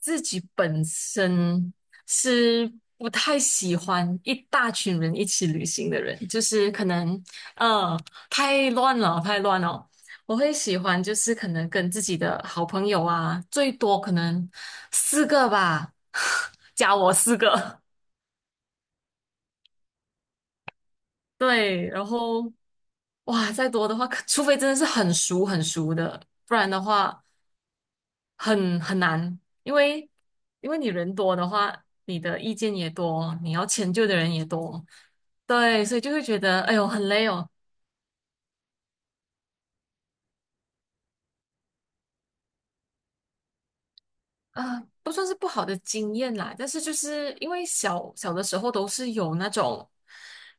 自己本身是不太喜欢一大群人一起旅行的人，就是可能呃太乱了，太乱了。我会喜欢就是可能跟自己的好朋友啊，最多可能四个吧，加我四个。对，然后哇，再多的话，可除非真的是很熟很熟的，不然的话。很难，因为因为你人多的话，你的意见也多，你要迁就的人也多，对，所以就会觉得哎呦很累哦。啊，不算是不好的经验啦，但是就是因为小小的时候都是有那种，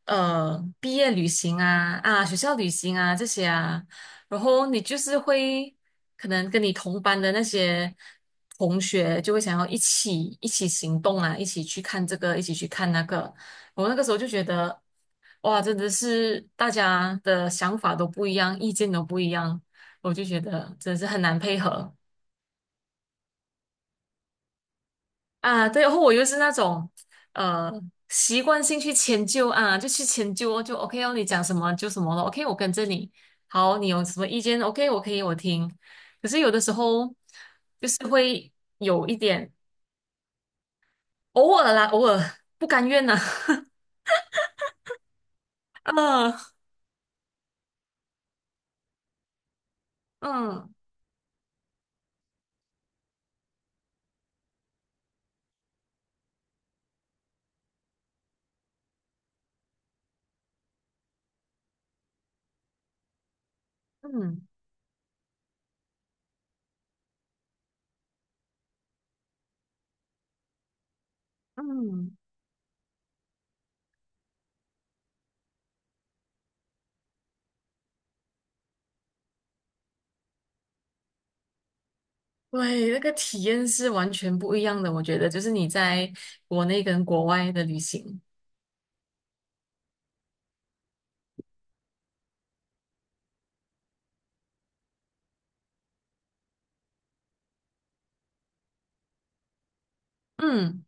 毕业旅行啊啊，学校旅行啊这些啊，然后你就是会可能跟你同班的那些同学就会想要一起行动啊，一起去看这个，一起去看那个，我那个时候就觉得，哇，真的是大家的想法都不一样，意见都不一样，我就觉得真的是很难配合。啊，对，然后我又是那种呃习惯性去迁就啊，就去迁就哦就 OK 哦，你讲什么就什么了，OK,我跟着你。好，你有什么意见？OK,我可以我听。可是有的时候就是会有一点偶尔啦，偶尔不甘愿呐、嗯嗯嗯嗯，对，那个体验是完全不一样的，我觉得就是你在国内跟国外的旅行，嗯，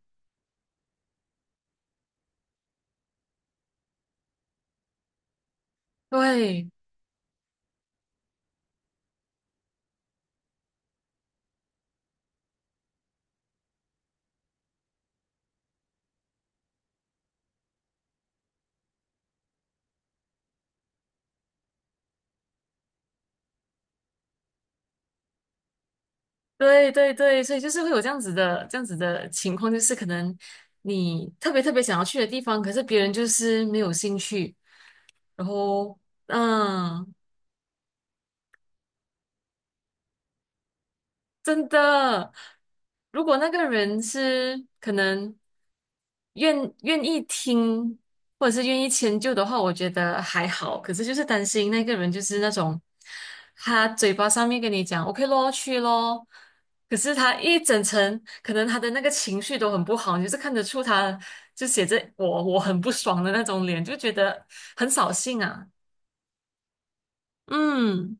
对。对对对，所以就是会有这样子的情况，就是可能你特别特别想要去的地方，可是别人就是没有兴趣，然后嗯。真的，如果那个人是可能愿意听，或者是愿意迁就的话，我觉得还好。可是就是担心那个人就是那种，他嘴巴上面跟你讲 "OK 咯，去咯"，可是他一整层可能他的那个情绪都很不好，你就是看得出他就写着我很不爽的那种脸，就觉得很扫兴啊。嗯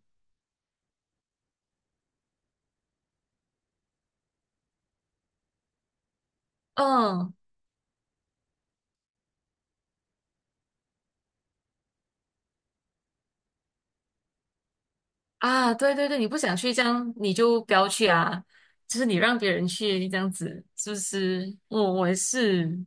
嗯。啊，对对对，你不想去这样，你就不要去啊。就是你让别人去这样子，是不是？我也是，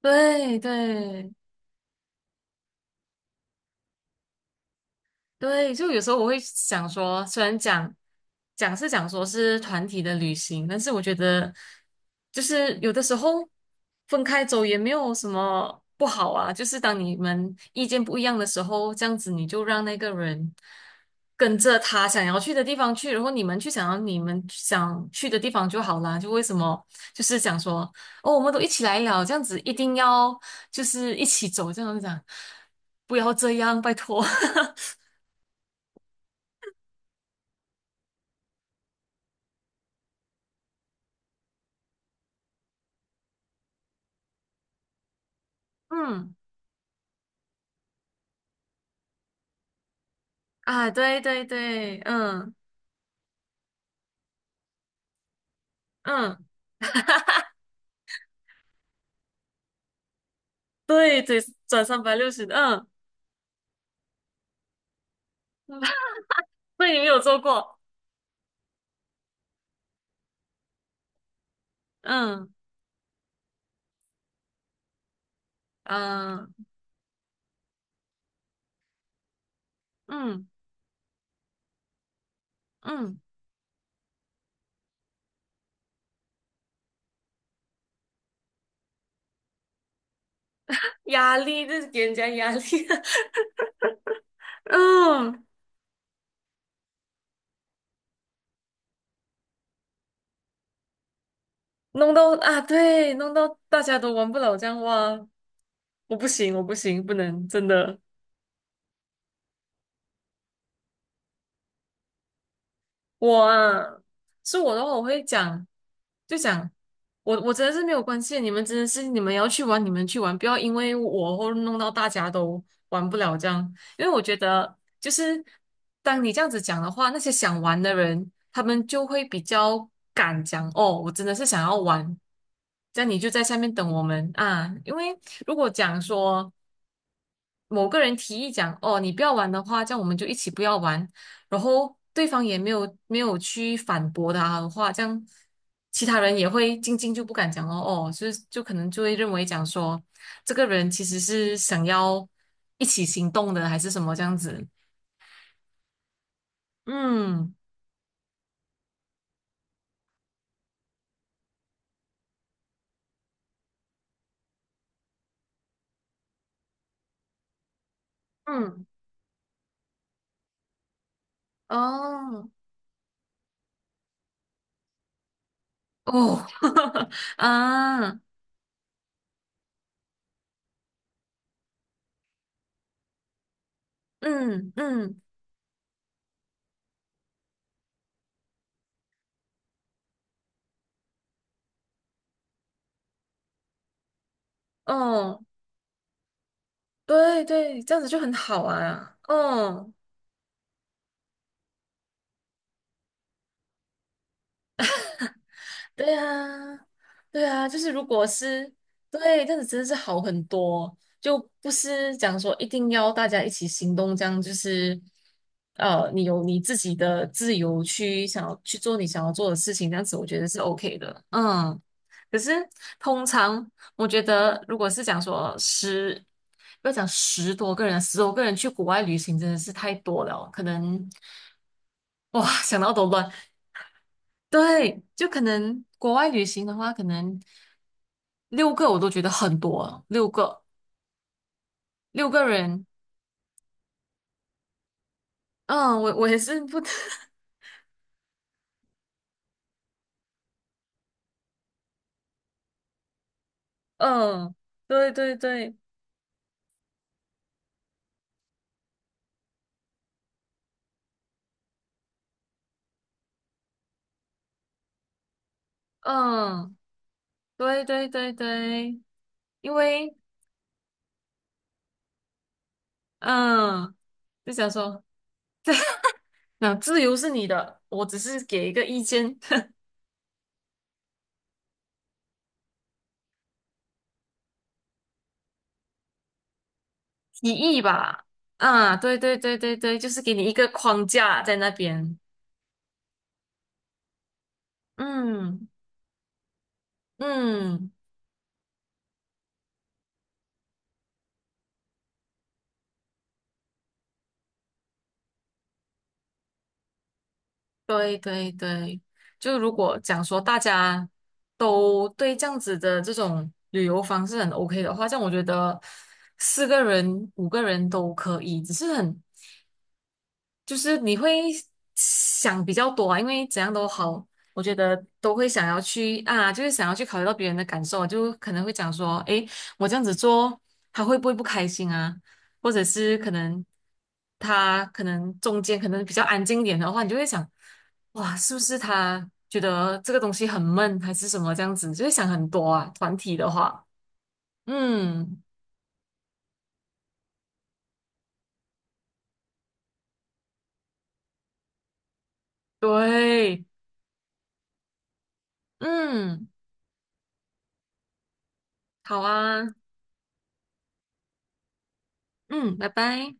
对对，对，就有时候我会想说，虽然讲讲说是团体的旅行，但是我觉得就是有的时候分开走也没有什么不好啊。就是当你们意见不一样的时候，这样子你就让那个人跟着他想要去的地方去，然后你们去想要你们想去的地方就好啦。就为什么就是讲说哦，我们都一起来了，这样子一定要就是一起走，这样子讲，不要这样，拜托，嗯。啊，对对对，嗯嗯，对对，转360的，嗯，那你们有做过，嗯嗯嗯嗯，压力就是给人家压力，嗯，弄到啊，对，弄到大家都玩不了这样哇，我不行，我不行，不能，真的，我啊，是我的话，我会讲。就想我真的是没有关系，你们真的是你们要去玩，你们去玩，不要因为我或弄到大家都玩不了这样。因为我觉得，就是当你这样子讲的话，那些想玩的人，他们就会比较敢讲哦，我真的是想要玩，这样你就在下面等我们啊。因为如果讲说某个人提议讲，哦，你不要玩的话，这样我们就一起不要玩。然后对方也没有去反驳他的话，这样其他人也会静静就不敢讲哦哦，就是就可能就会认为讲说这个人其实是想要一起行动的，还是什么这样子。嗯嗯，哦哦 啊，嗯嗯哦，对对，这样子就很好啊，哦。对啊，对啊，就是如果是对，这样子真的是好很多，就不是讲说一定要大家一起行动，这样就是你有你自己的自由去想要去做你想要做的事情，这样子我觉得是 OK 的，嗯。可是通常我觉得，如果是讲说十，不要讲十多个人，十多个人去国外旅行真的是太多了，可能哇想到都乱。对，就可能国外旅行的话，可能六个我都觉得很多了六个六个人，嗯，我也是不，嗯，对对对，嗯，对对对对，因为嗯，就想说，那自由是你的，我只是给一个意见 提议吧，啊，对对对对对，就是给你一个框架在那边，嗯嗯。对对对，就如果讲说大家都对这样子的这种旅游方式很 OK 的话，这样我觉得四个人、五个人都可以，只是很就是你会想比较多啊，因为怎样都好，我觉得都会想要去啊，就是想要去考虑到别人的感受啊，就可能会讲说，诶，我这样子做，他会不会不开心啊？或者是可能他可能中间可能比较安静一点的话，你就会想，哇，是不是他觉得这个东西很闷，还是什么这样子，就会想很多啊。团体的话，嗯，对，嗯，好啊，嗯，拜拜。